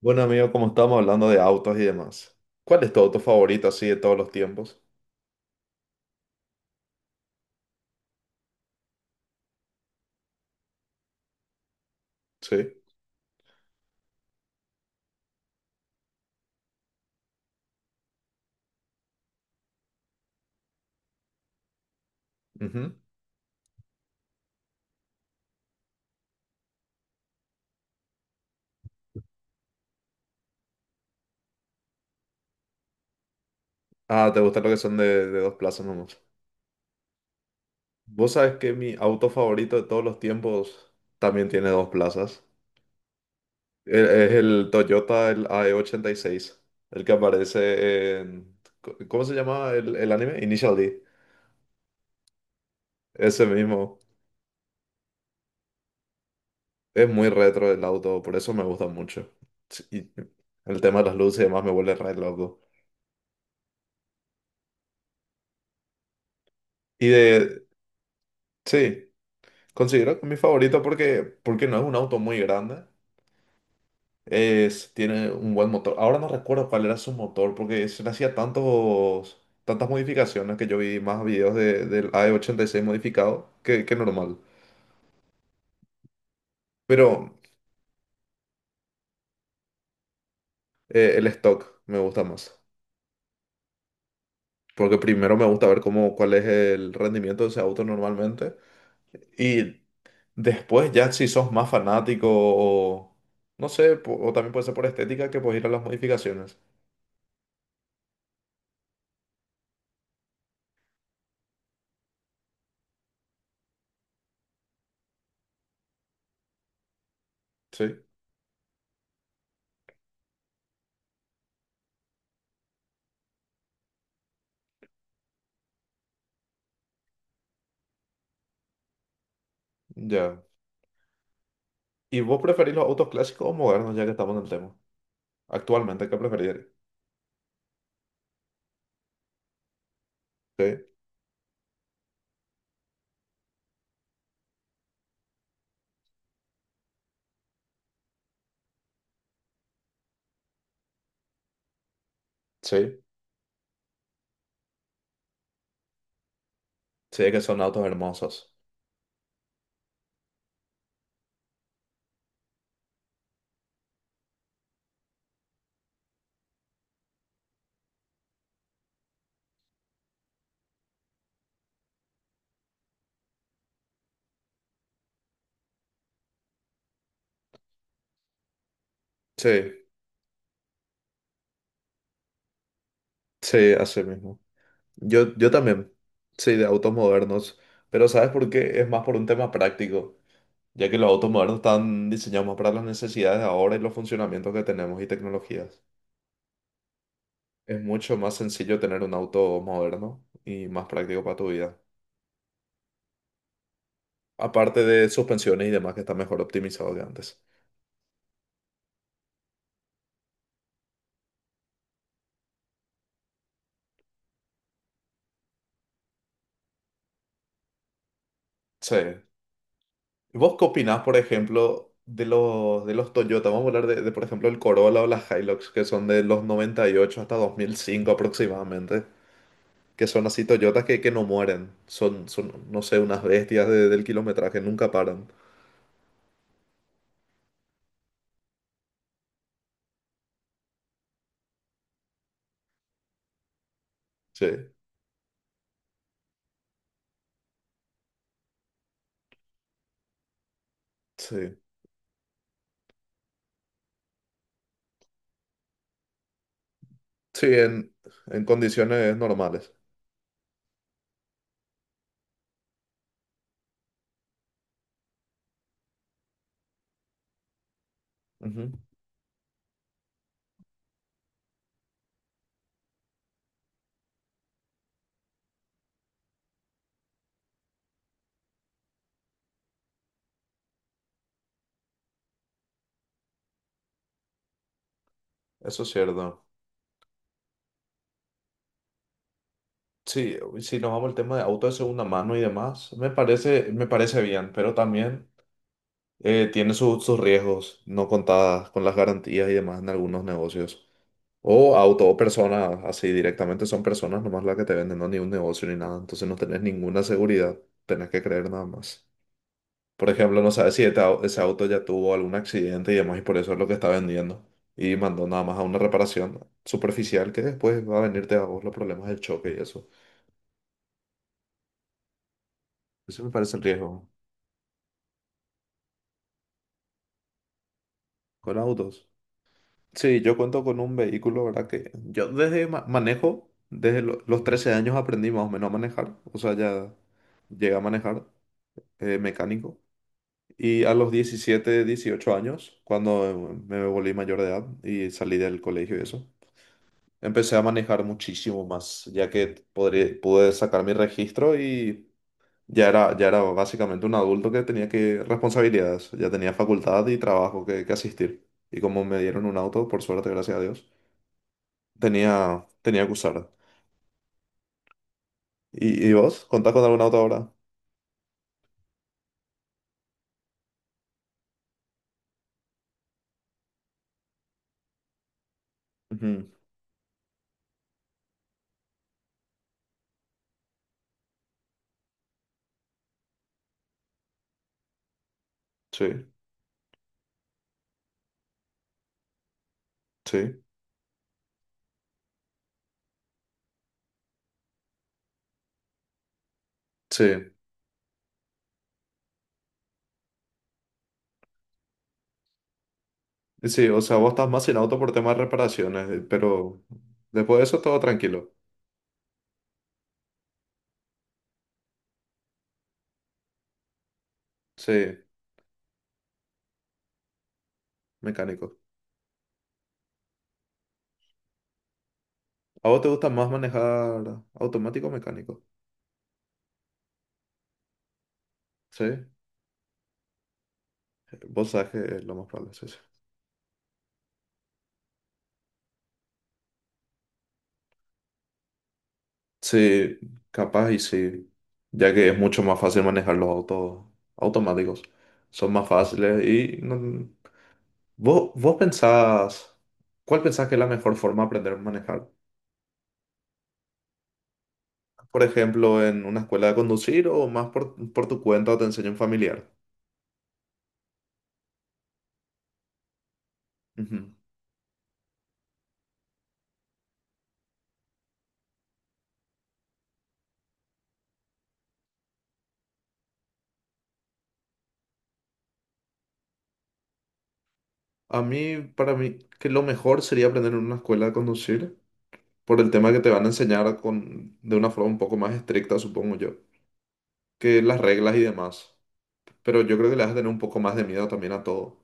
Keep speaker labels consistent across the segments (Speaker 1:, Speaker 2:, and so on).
Speaker 1: Bueno, amigo, como estábamos hablando de autos y demás, ¿cuál es tu auto favorito así de todos los tiempos? Sí. Ujú. Ah, ¿te gusta lo que son de dos plazas nomás? Vos sabés que mi auto favorito de todos los tiempos también tiene dos plazas. Es el Toyota, el AE86, el que aparece. ¿Cómo se llama el anime? Initial D. Ese mismo. Es muy retro el auto, por eso me gusta mucho. Sí. Y el tema de las luces y demás me vuelve re loco. Y de... Sí. Considero que es mi favorito porque no es un auto muy grande. Tiene un buen motor. Ahora no recuerdo cuál era su motor porque se le hacía tantos, tantas modificaciones que yo vi más videos de, del AE86 modificado que normal. Pero el stock me gusta más. Porque primero me gusta ver cómo, cuál es el rendimiento de ese auto normalmente. Y después ya si sos más fanático o no sé, o también puede ser por estética que puedes ir a las modificaciones. Sí, ya. ¿Y vos preferís los autos clásicos o modernos, ya que estamos en el tema? Actualmente, ¿qué preferís? Sí, sí, sí, que son autos hermosos. Sí, sí, así mismo. Yo también, sí, de autos modernos, pero ¿sabes por qué? Es más por un tema práctico, ya que los autos modernos están diseñados más para las necesidades de ahora y los funcionamientos que tenemos y tecnologías. Es mucho más sencillo tener un auto moderno y más práctico para tu vida. Aparte de suspensiones y demás que está mejor optimizado que antes. Sí. ¿Vos qué opinás, por ejemplo, de los Toyota? Vamos a hablar de, por ejemplo, el Corolla o las Hilux, que son de los 98 hasta 2005 aproximadamente, que son así Toyotas que no mueren. Son, no sé, unas bestias del kilometraje, nunca paran. Sí, sí. Sí, en condiciones normales. Ujú. Eso es cierto. Sí, si nos vamos al tema de auto de segunda mano y demás, me parece bien, pero también tiene sus riesgos no contadas con las garantías y demás en algunos negocios. O auto o personas, así directamente son personas nomás las que te venden, no ni un negocio ni nada, entonces no tenés ninguna seguridad, tenés que creer nada más. Por ejemplo, no sabes si ese auto ya tuvo algún accidente y demás y por eso es lo que está vendiendo. Y mandó nada más a una reparación superficial que después va a venirte a vos los problemas del choque y eso. Ese me parece el riesgo. Con autos. Sí, yo cuento con un vehículo, ¿verdad? Que yo desde manejo, desde los 13 años aprendí más o menos a manejar. O sea, ya llegué a manejar mecánico. Y a los 17 18 años, cuando me volví mayor de edad y salí del colegio y eso, empecé a manejar muchísimo más, ya que pude sacar mi registro, ya era básicamente un adulto que tenía que responsabilidades, ya tenía facultad y trabajo que asistir. Y como me dieron un auto, por suerte, gracias a Dios, tenía que usar. ¿Y vos? ¿Contás con algún auto ahora? Ujú. Sí, sí, sí. Y sí, o sea, vos estás más sin auto por temas de reparaciones, pero después de eso todo tranquilo. Sí, mecánico. ¿A vos te gusta más manejar automático o mecánico? Sí, vos sabes que es lo más probable, sí, sí. Sí, capaz y sí, ya que es mucho más fácil manejar los autos automáticos. Son más fáciles y vos pensás, ¿cuál pensás que es la mejor forma de aprender a manejar? Por ejemplo, en una escuela de conducir o más por tu cuenta o te enseña un familiar. Ujú. A mí, para mí, que lo mejor sería aprender en una escuela de conducir por el tema que te van a enseñar con, de una forma un poco más estricta, supongo yo, que las reglas y demás. Pero yo creo que le vas a tener un poco más de miedo también a todo.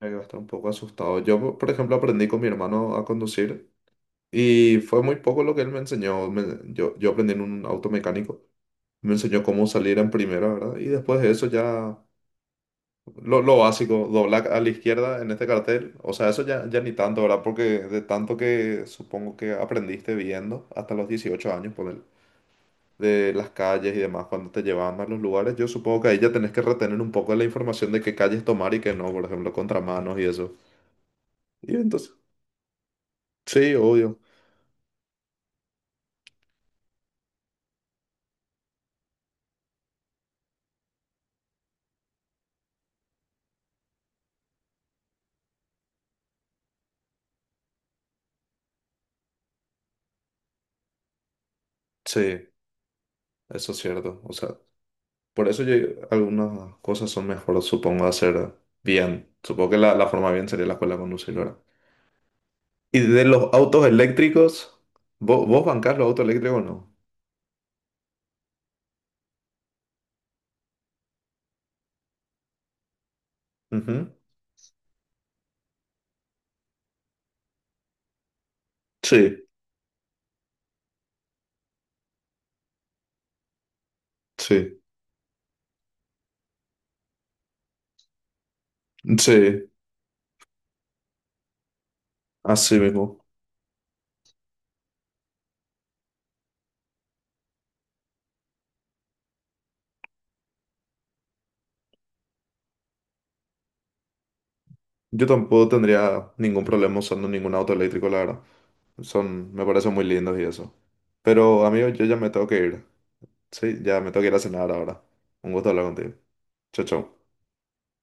Speaker 1: Que va a estar un poco asustado. Yo, por ejemplo, aprendí con mi hermano a conducir y fue muy poco lo que él me enseñó. Yo aprendí en un auto mecánico. Me enseñó cómo salir en primera, ¿verdad? Y después de eso ya lo básico, doblar a la izquierda en este cartel. O sea, eso ya ni tanto, ¿verdad? Porque de tanto que supongo que aprendiste viendo hasta los 18 años, poner de las calles y demás, cuando te llevaban a los lugares, yo supongo que ahí ya tenés que retener un poco la información de qué calles tomar y qué no, por ejemplo, contramanos y eso. Y entonces... Sí, obvio. Sí, eso es cierto. O sea, por eso yo, algunas cosas son mejor, supongo, hacer bien. Supongo que la forma bien sería la escuela con conductora. Y de los autos eléctricos, ¿vos bancás los autos eléctricos o no? Ujú. Sí, sí, sí, así mismo. Yo tampoco tendría ningún problema usando ningún auto eléctrico, la verdad. Son, me parecen muy lindos y eso. Pero, amigo, yo ya me tengo que ir. Sí, ya me tengo que ir a cenar ahora. Un gusto hablar contigo. Chao, chao.